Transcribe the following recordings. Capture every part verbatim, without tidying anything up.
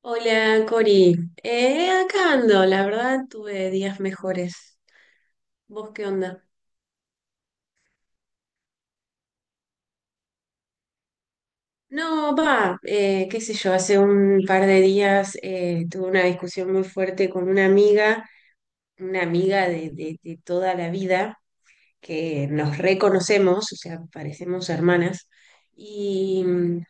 Hola, Cori. Eh, acá ando, la verdad tuve días mejores. ¿Vos qué onda? No, va, eh, qué sé yo, hace un par de días eh, tuve una discusión muy fuerte con una amiga, una amiga de, de, de toda la vida, que nos reconocemos, o sea, parecemos hermanas. Y mm,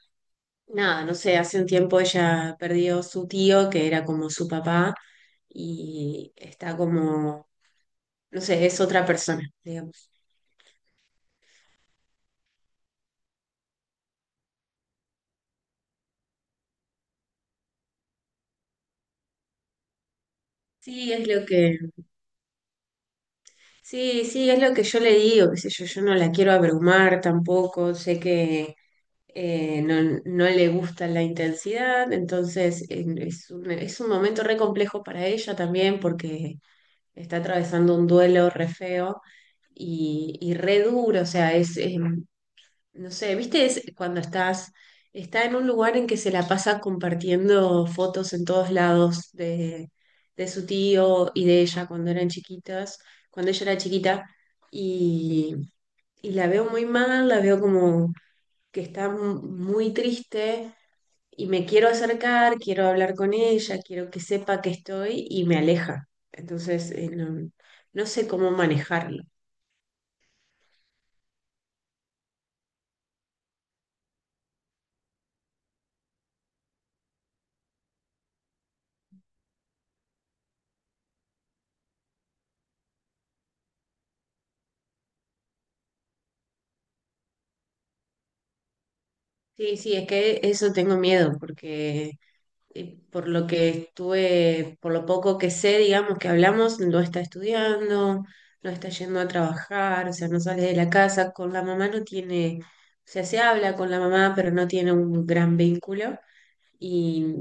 nada, no sé, hace un tiempo ella perdió su tío, que era como su papá, y está como, no sé, es otra persona, digamos. Sí, es lo que, sí, sí, es lo que yo le digo, qué sé yo, yo no la quiero abrumar tampoco, sé que eh, no, no le gusta la intensidad, entonces eh, es un, es un momento re complejo para ella también porque está atravesando un duelo re feo y, y re duro, o sea, es, es no sé, ¿viste? Es cuando estás, está en un lugar en que se la pasa compartiendo fotos en todos lados de, de su tío y de ella cuando eran chiquitas, cuando ella era chiquita, y, y la veo muy mal, la veo como que está mu- muy triste y me quiero acercar, quiero hablar con ella, quiero que sepa que estoy y me aleja. Entonces, eh, no, no sé cómo manejarlo. Sí, sí, es que eso tengo miedo porque... y por lo que estuve, por lo poco que sé, digamos, que hablamos, no está estudiando, no está yendo a trabajar, o sea, no sale de la casa, con la mamá no tiene, o sea, se habla con la mamá, pero no tiene un gran vínculo y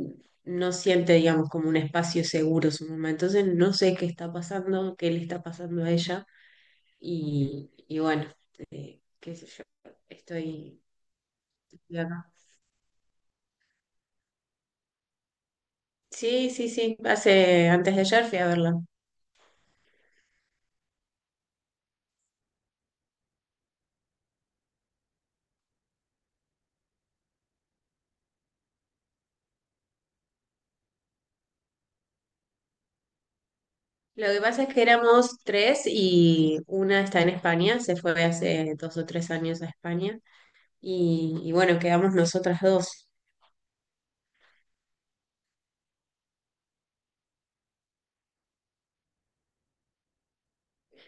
no siente, digamos, como un espacio seguro su mamá. Entonces, no sé qué está pasando, qué le está pasando a ella y, y bueno, qué sé yo, estoy... estoy acá. Sí, sí, sí, hace, antes de ayer fui a verla. Lo que pasa es que éramos tres y una está en España, se fue hace dos o tres años a España y, y bueno, quedamos nosotras dos.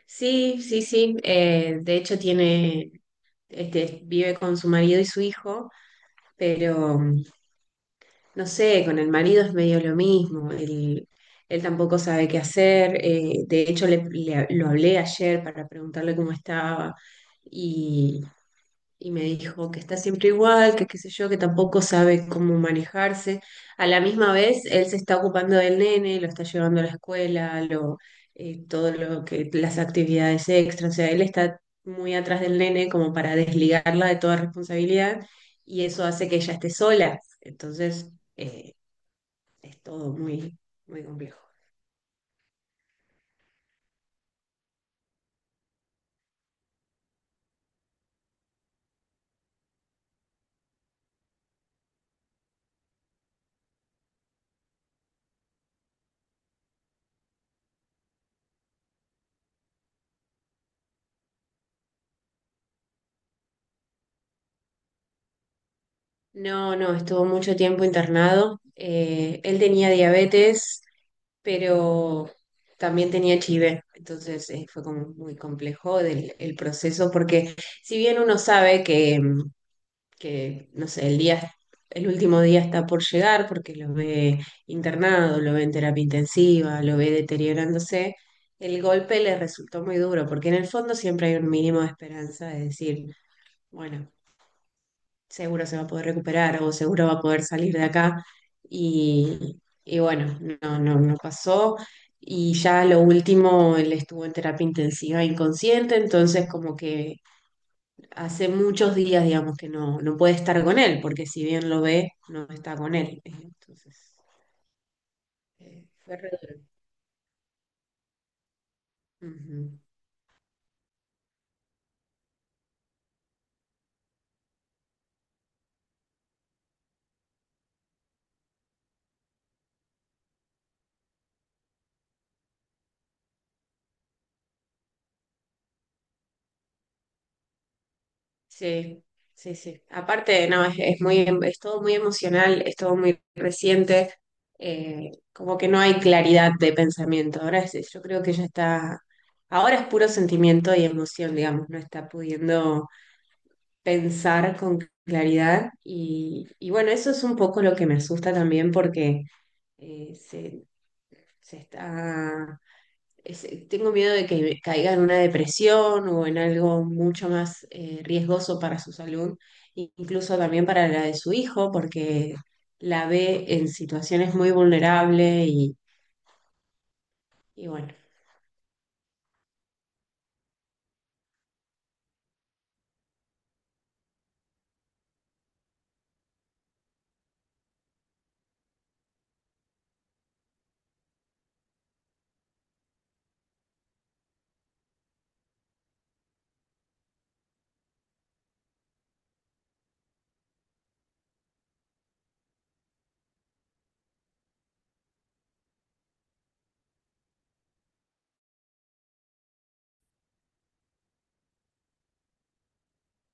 Sí, sí, sí, eh, de hecho tiene, este, vive con su marido y su hijo, pero mm, no sé, con el marido es medio lo mismo, él, él tampoco sabe qué hacer, eh, de hecho le, le- lo hablé ayer para preguntarle cómo estaba y me dijo que está siempre igual, que qué sé yo, que tampoco sabe cómo manejarse. A la misma vez, él se está ocupando del nene, lo está llevando a la escuela, lo, eh, todo lo que, las actividades extras, o sea, él está muy atrás del nene como para desligarla de toda responsabilidad y eso hace que ella esté sola. Entonces, eh, es todo muy, muy complejo. No, no, estuvo mucho tiempo internado. Eh, él tenía diabetes pero también tenía H I V, entonces eh, fue como muy complejo del- el proceso, porque si bien uno sabe que, mm, que, no sé, el día, el último día está por llegar, porque lo ve internado, lo ve en terapia intensiva, lo ve deteriorándose, el golpe le resultó muy duro, porque en el fondo siempre hay un mínimo de esperanza de decir, bueno, seguro se va a poder recuperar o seguro va a poder salir de acá. Y, y bueno, no, no, no pasó. Y ya lo último, él estuvo en terapia intensiva inconsciente, entonces como que hace muchos días, digamos, que no, no puede estar con él, porque si bien lo ve, no está con él. Entonces, eh, fue re duro. Ujú. Sí, sí, sí. Aparte, no, es, es muy, es todo muy emocional, es todo muy reciente, eh, como que no hay claridad de pensamiento. Ahora es- yo creo que ya está, ahora es puro sentimiento y emoción, digamos, no está pudiendo pensar con claridad. Y, y bueno, eso es un poco lo que me asusta también porque eh, se, se está es- eh, tengo miedo de que me caiga en una depresión o en algo mucho más eh, riesgoso para su salud, i- incluso también para la de su hijo, porque la ve en situaciones muy vulnerables y, y bueno,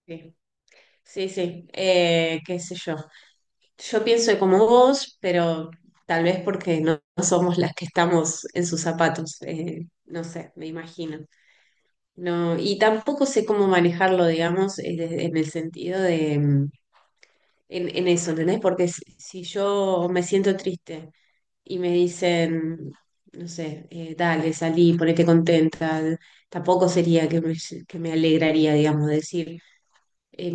sí, sí, sí, eh, qué sé yo. Yo pienso como vos, pero tal vez porque no, no somos las que estamos en sus zapatos, eh, no sé, me imagino. No, y tampoco sé cómo manejarlo, digamos, eh, en el sentido de... mm, en, en eso, ¿entendés? Porque si, si yo me siento triste y me dicen, no sé, eh, dale, salí, ponete contenta, tampoco sería que me, que me alegraría, digamos, decir, eh,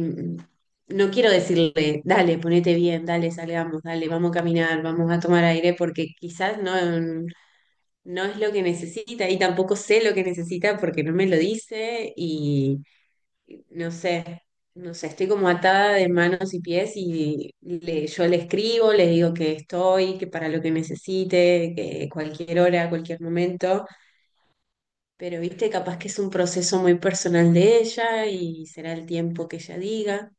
no quiero decirle, dale, ponete bien, dale, salgamos, dale, vamos a caminar, vamos a tomar aire, porque quizás no, no es lo que necesita y tampoco sé lo que necesita porque no me lo dice y no sé, no sé, estoy como atada de manos y pies y le- yo le escribo, le digo que estoy, que para lo que necesite, que cualquier hora, cualquier momento, pero viste, capaz que es un proceso muy personal de ella y será el tiempo que ella diga.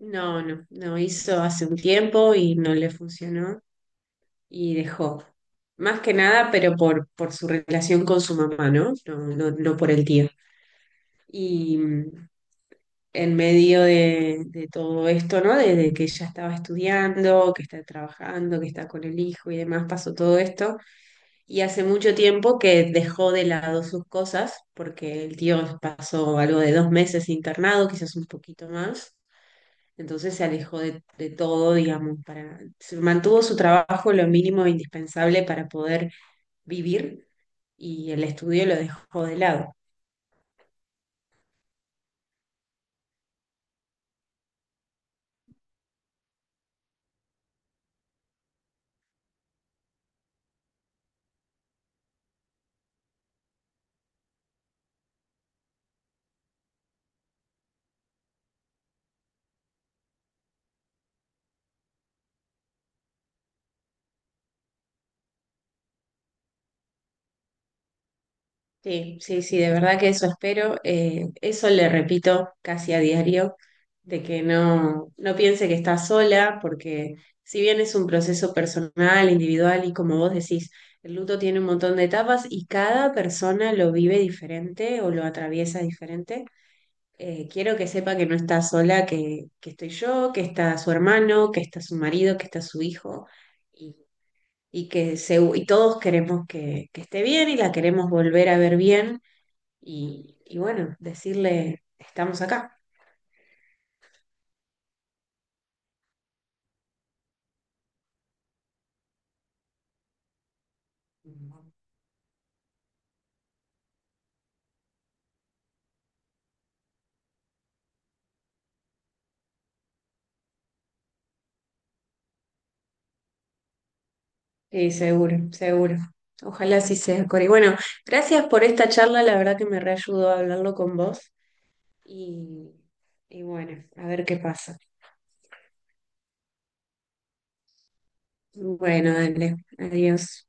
No, no, no hizo hace un tiempo y no le funcionó y dejó. Más que nada, pero por, por su relación con su mamá, ¿no? No, no, no por el tío. Y, en medio de, de todo esto, ¿no? Desde que ella estaba estudiando, que está trabajando, que está con el hijo y demás, pasó todo esto. Y hace mucho tiempo que dejó de lado sus cosas, porque el tío pasó algo de dos meses internado, quizás un poquito más. Entonces se alejó de, de todo, digamos, para, se mantuvo su trabajo lo mínimo indispensable para poder vivir y el estudio lo dejó de lado. Sí, sí, sí, de verdad que eso espero. eh, eso le repito casi a diario, de que no, no piense que está sola, porque si bien es un proceso personal, individual, y como vos decís, el luto tiene un montón de etapas y cada persona lo vive diferente o lo atraviesa diferente. eh, quiero que sepa que no está sola, que, que estoy yo, que está su hermano, que está su marido, que está su hijo, y, y que se, y todos queremos que, que esté bien y la queremos volver a ver bien y, y bueno, decirle, estamos acá. Sí, seguro, seguro. Ojalá así sea, Cori. Bueno, gracias por esta charla, la verdad que me reayudó a hablarlo con vos y, y bueno, a ver qué pasa. Bueno, dale, adiós.